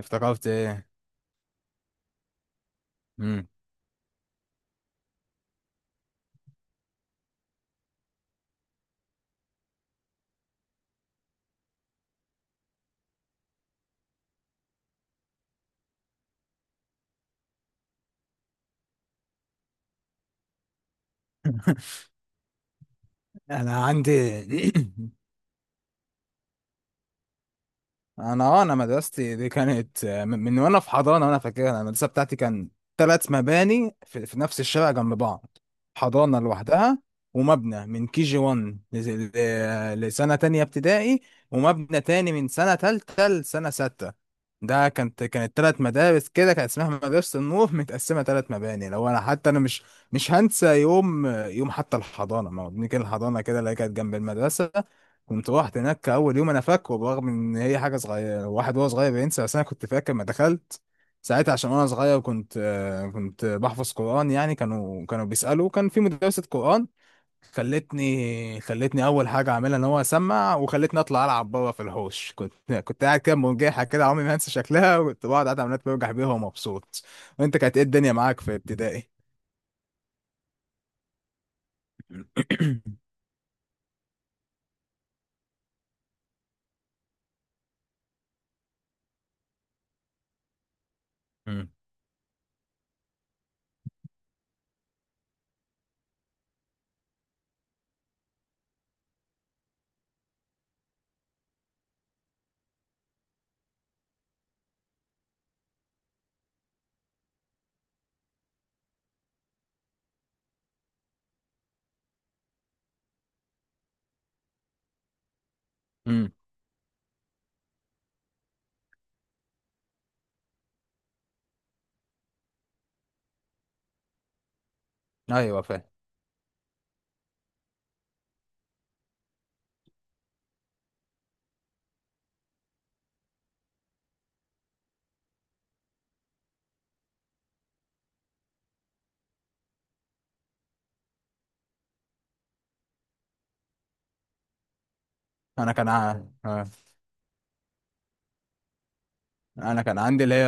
افتكرت ايه؟ امم انا عندي انا مدرستي دي كانت من وانا في حضانه، وانا فاكرها. أنا المدرسه بتاعتي كان ثلاث مباني في نفس الشارع جنب بعض. حضانه لوحدها، ومبنى من كي جي 1 لسنه تانية ابتدائي، ومبنى تاني من سنه تالتة لسنه سته. ده كانت ثلاث مدارس كده، كانت اسمها مدرسه النور متقسمه ثلاث مباني. لو انا حتى انا مش هنسى يوم يوم حتى الحضانه. ما هو بنيجي الحضانه كده اللي هي كانت جنب المدرسه. كنت رحت هناك اول يوم انا فاكره، برغم ان هي حاجه صغيره واحد وهو صغير بينسى، بس انا كنت فاكر ما دخلت ساعتها. عشان وانا صغير كنت كنت بحفظ قران، يعني كانوا بيسالوا كان في مدرسه قران. خلتني اول حاجه اعملها ان هو اسمع، وخلتني اطلع العب بره في الحوش. كنت قاعد كده مرجحه كده، عمري ما هنسى شكلها، وكنت بقعد قاعد عمال برجح بيها ومبسوط. وانت كانت ايه الدنيا معاك في ابتدائي؟ امم أمم. ايوه فاهم. انا كان ع- آه. انا كان عندي اللي هي.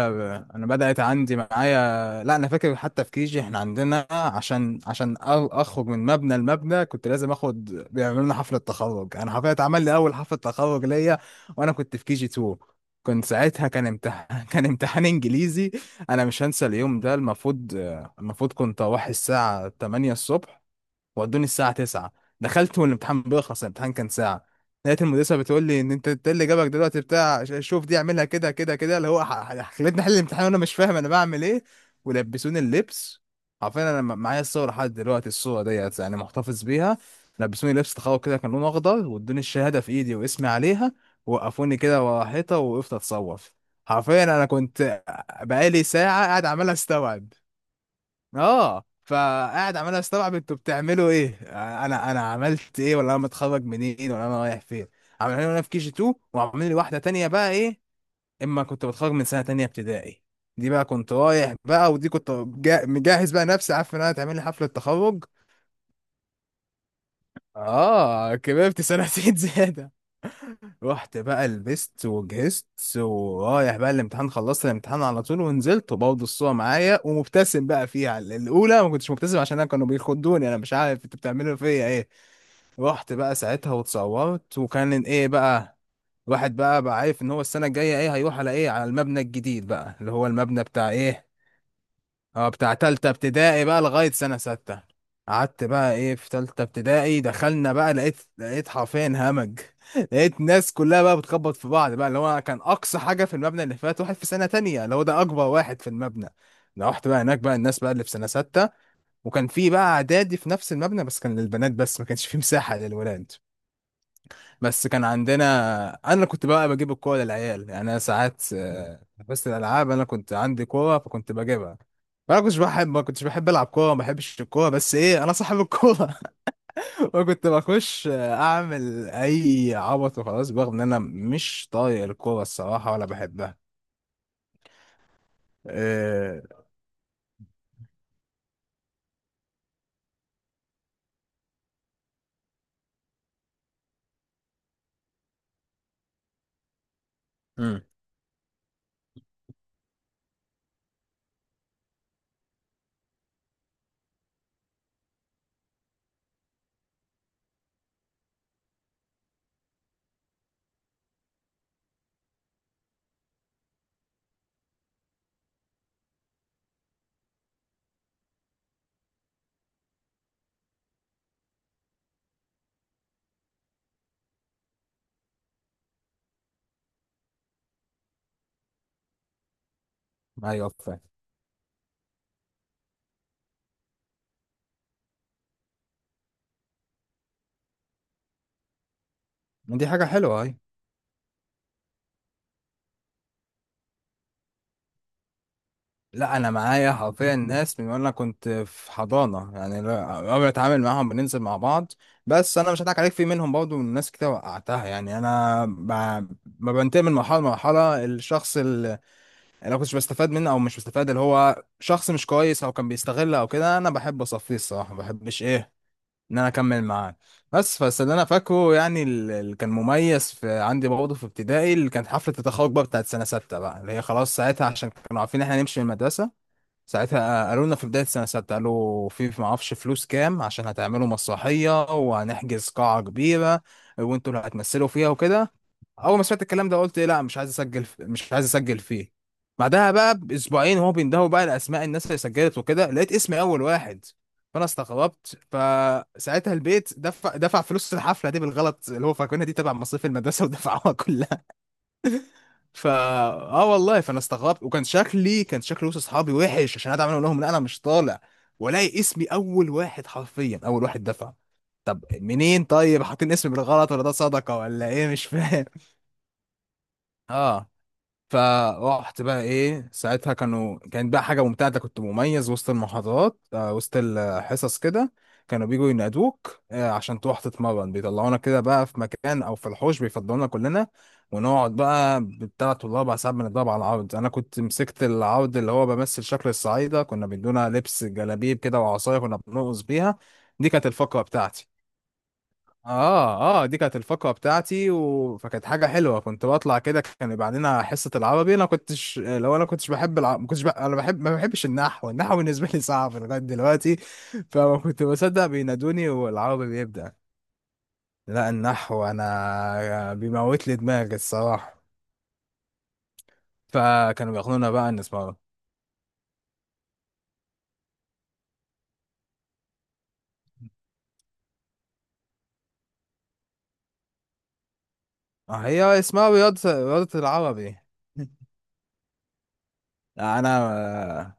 انا بدأت عندي معايا، لا انا فاكر حتى في كيجي احنا عندنا، عشان اخرج من مبنى لمبنى كنت لازم اخد، بيعملوا لنا حفلة تخرج. انا حفلة اتعمل لي اول حفلة تخرج ليا، وانا كنت في كيجي 2. كنت ساعتها كان امتحان كان امتحان انجليزي. انا مش هنسى اليوم ده. المفروض كنت اروح الساعة 8 الصبح، ودوني الساعة 9. دخلت والامتحان بيخلص، الامتحان كان ساعة. لقيت المدرسة بتقول لي ان إنت اللي جابك دلوقتي بتاع، شوف دي اعملها كده كده كده، اللي هو خلتني احل الامتحان وانا مش فاهم انا بعمل ايه. ولبسوني اللبس. عارفين انا معايا الصور لحد دلوقتي، الصورة ديت يعني محتفظ بيها. لبسوني لبس تخوف كده، كان لونه اخضر، وادوني الشهادة في ايدي واسمي عليها. وقفوني كده ورا حيطة ووقفت اتصور. حرفيا انا كنت، بقالي ساعة قاعد عمال استوعب. اه فقاعد عمال استوعب انتوا بتعملوا ايه، انا عملت ايه، ولا انا متخرج منين، ولا انا رايح فين. عاملين لي وانا في كي جي 2، وعاملين لي واحده تانية بقى ايه، اما كنت بتخرج من سنه تانية ابتدائي. دي بقى كنت رايح بقى، ودي كنت مجهز بقى نفسي، عارف ان انا هتعمل لي حفله تخرج. اه كبرت سنتين زياده. رحت بقى لبست وجهزت، ورايح بقى الامتحان، خلصت الامتحان على طول ونزلت، وبرضه الصورة معايا ومبتسم بقى فيها. الأولى ما كنتش مبتسم عشان أنا كانوا بيخدوني، أنا مش عارف أنتوا بتعملوا فيا إيه. رحت بقى ساعتها واتصورت، وكان إيه بقى، الواحد بقى عارف إن هو السنة الجاية إيه، هيروح على إيه، على المبنى الجديد بقى اللي هو المبنى بتاع إيه. اه بتاع تالتة ابتدائي بقى لغاية سنة ستة. قعدت بقى ايه في تالتة ابتدائي، دخلنا بقى، لقيت حرفيا همج لقيت ناس كلها بقى بتخبط في بعض بقى. اللي هو كان أقصى حاجة في المبنى اللي فات واحد في سنة تانية اللي هو ده أكبر واحد في المبنى. لو رحت بقى هناك بقى الناس بقى اللي في سنة ستة. وكان في بقى إعدادي في نفس المبنى بس كان للبنات بس، ما كانش فيه مساحة للولاد. بس كان عندنا، انا كنت بقى بجيب الكوره للعيال، يعني انا ساعات، بس الالعاب انا كنت عندي كوره فكنت بجيبها. انا كنتش بحب، ما كنتش بحب العب كوره، ما بحبش الكوره، بس ايه انا صاحب الكوره. وكنت بخش، اعمل اي عبط وخلاص، برغم ان انا مش طايق الكوره الصراحه ولا بحبها. إيه... امم ايوه فاهم. دي حاجه حلوه. لا انا معايا حرفيا ناس من وانا كنت في حضانه يعني، قبل اتعامل معاهم بننزل مع بعض. بس انا مش هضحك عليك في منهم برضه من ناس كتير وقعتها يعني انا ب... ما بنتقل من مرحله لمرحله الشخص اللي انا كنتش بستفاد منه او مش بستفاد، اللي هو شخص مش كويس او كان بيستغل او كده، انا بحب اصفيه الصراحه، ما بحبش ايه ان انا اكمل معاه. بس اللي انا فاكره يعني، اللي كان مميز في عندي برضه في ابتدائي اللي كانت حفله التخرج بقى بتاعت سنه سته بقى، اللي هي خلاص ساعتها عشان كانوا عارفين إن احنا هنمشي من المدرسه. ساعتها قالوا لنا في بداية السنة، ساعتها قالوا في ما اعرفش فلوس كام عشان هتعملوا مسرحية وهنحجز قاعة كبيرة، وانتوا اللي هتمثلوا فيها وكده. اول ما سمعت الكلام ده قلت إيه، لا مش عايز اسجل، مش عايز اسجل فيه. بعدها بقى باسبوعين هو بيندهوا بقى لاسماء الناس اللي سجلت وكده، لقيت اسمي اول واحد. فانا استغربت، فساعتها البيت دفع فلوس الحفله دي بالغلط، اللي هو فاكرينها دي تبع مصاريف المدرسه ودفعوها. فا اه والله فانا استغربت، وكان شكلي كان شكل وسط اصحابي وحش عشان انا عمال اقول لهم ان انا مش طالع، والاقي اسمي اول واحد، حرفيا اول واحد دفع. طب منين، طيب حاطين اسمي بالغلط ولا ده صدقه ولا ايه، مش فاهم. اه فروحت بقى ايه ساعتها، كانوا كانت بقى حاجه ممتعه، أنت كنت مميز وسط المحاضرات، وسط الحصص كده. كانوا بيجوا ينادوك، عشان تروح تتمرن، بيطلعونا كده بقى في مكان او في الحوش بيفضلونا كلنا، ونقعد بقى بالثلاث والاربع ساعات بنضرب على العرض. انا كنت مسكت العرض اللي هو بمثل شكل الصعايده، كنا بيدونا لبس جلابيب كده وعصايه كنا بنرقص بيها. دي كانت الفقره بتاعتي. اه اه دي كانت الفقره بتاعتي و... فكانت حاجه حلوه. كنت بطلع كده كان يبقى عندنا حصه العربي. انا كنتش لو انا كنتش بحب ما كنتش ب... انا بحب ما بحبش النحو. النحو بالنسبه لي صعب لغايه دلوقتي. فما كنت بصدق بينادوني والعربي بيبدا. لا النحو انا بيموت لي دماغي الصراحه. فكانوا بياخدونا بقى ان اسمها، اه هي اسمها رياضه العربي. انا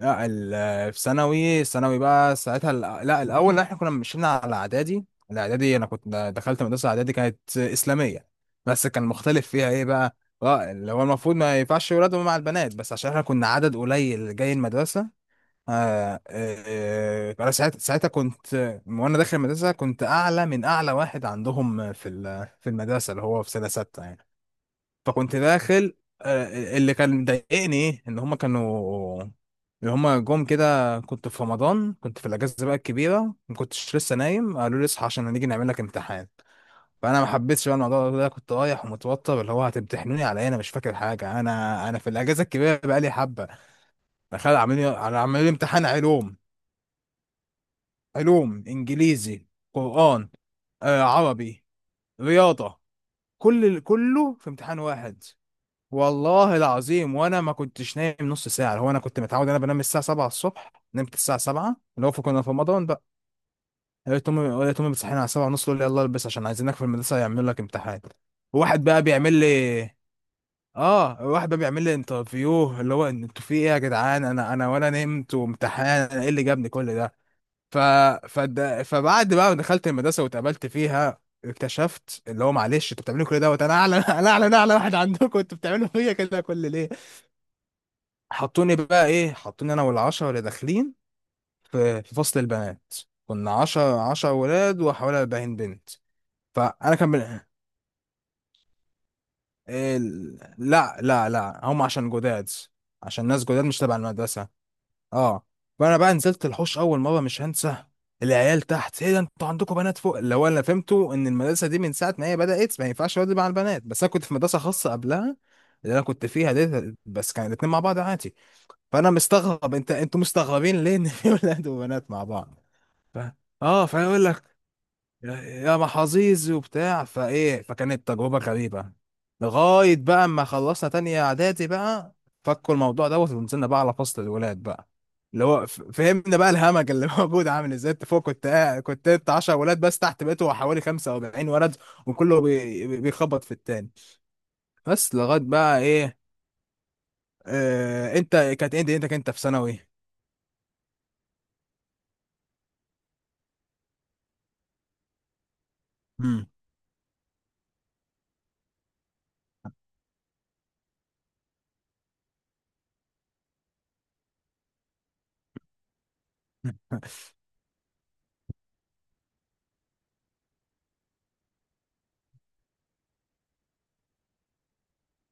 لا في ثانوي بقى ساعتها لا الاول احنا كنا مشينا على اعدادي. الاعدادي انا كنت، دخلت مدرسه اعدادي كانت اسلاميه، بس كان مختلف فيها ايه بقى. اه اللي هو المفروض ما ينفعش ولاد مع البنات، بس عشان احنا كنا عدد قليل جاي المدرسه. انا ساعتها كنت وانا داخل المدرسه كنت اعلى من اعلى واحد عندهم في في المدرسه، اللي هو في سنه سته يعني. فكنت داخل، اللي كان مضايقني ايه ان هما كانوا، اللي هما جم كده كنت في رمضان كنت في الاجازه بقى الكبيره، ما كنتش لسه نايم، قالوا لي اصحى عشان هنيجي نعمل لك امتحان. فانا ما حبيتش بقى الموضوع ده، كنت رايح ومتوتر، اللي هو هتمتحنوني على ايه، انا مش فاكر حاجه، انا في الاجازه الكبيره بقى لي حبه. دخل عاملين لي امتحان علوم، علوم انجليزي، قران، عربي، رياضه، كله في امتحان واحد. والله العظيم وانا ما كنتش نايم نص ساعه، هو انا كنت متعود انا بنام الساعه 7 الصبح، نمت الساعه 7 اللي هو كنا في رمضان بقى. لقيت امي بتصحيني على 7 ونص، تقول لي يلا البس عشان عايزينك في المدرسه يعملوا لك امتحان. وواحد بقى بيعمل لي اه واحد بقى بيعمل لي انترفيو، اللي هو إن انتوا في ايه يا جدعان، انا ولا نمت وامتحان، انا ايه اللي جابني كل ده. ف... فبعد بقى ما دخلت المدرسه واتقابلت فيها، اكتشفت اللي هو معلش انتوا بتعملوا كل دوت انا اعلى انا اعلى واحد عندكم، انتوا بتعملوا فيا كده كل ليه. حطوني بقى ايه، حطوني انا والعشرة اللي داخلين في فصل البنات. كنا عشرة ولاد وحوالي 40 بنت. فانا كان بن... ال... لا، لا، لا، هم عشان جداد، عشان ناس جداد مش تبع المدرسة. اه فانا بقى نزلت الحوش اول مرة مش هنسى. العيال تحت ايه ده، انتوا عندكم بنات فوق، اللي هو انا فهمته ان المدرسة دي من ساعة ما هي بدأت ما ينفعش واد مع البنات، بس انا كنت في مدرسة خاصة قبلها اللي انا كنت فيها دي، بس كان الاتنين مع بعض عادي. فانا مستغرب، انتوا مستغربين ليه ان في ولاد وبنات مع بعض. ف... اه فيقول لك، يا محظوظ وبتاع فايه، فكانت تجربه غريبه لغايه بقى ما خلصنا تانية اعدادي بقى. فكوا الموضوع دوت، ونزلنا بقى على فصل الولاد بقى اللي هو فهمنا بقى الهمج اللي موجود عامل ازاي. انت فوق كنت كنت انت 10 ولاد بس، تحت بقيتوا حوالي 45 ولد. وكله بيخبط في التاني. بس لغايه بقى ايه، انت كانت ايه دنيتك انت كنت في ثانوي؟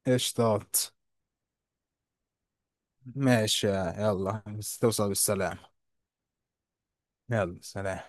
قشطات. ماشي يلا بس توصل بالسلامة. يلا سلام.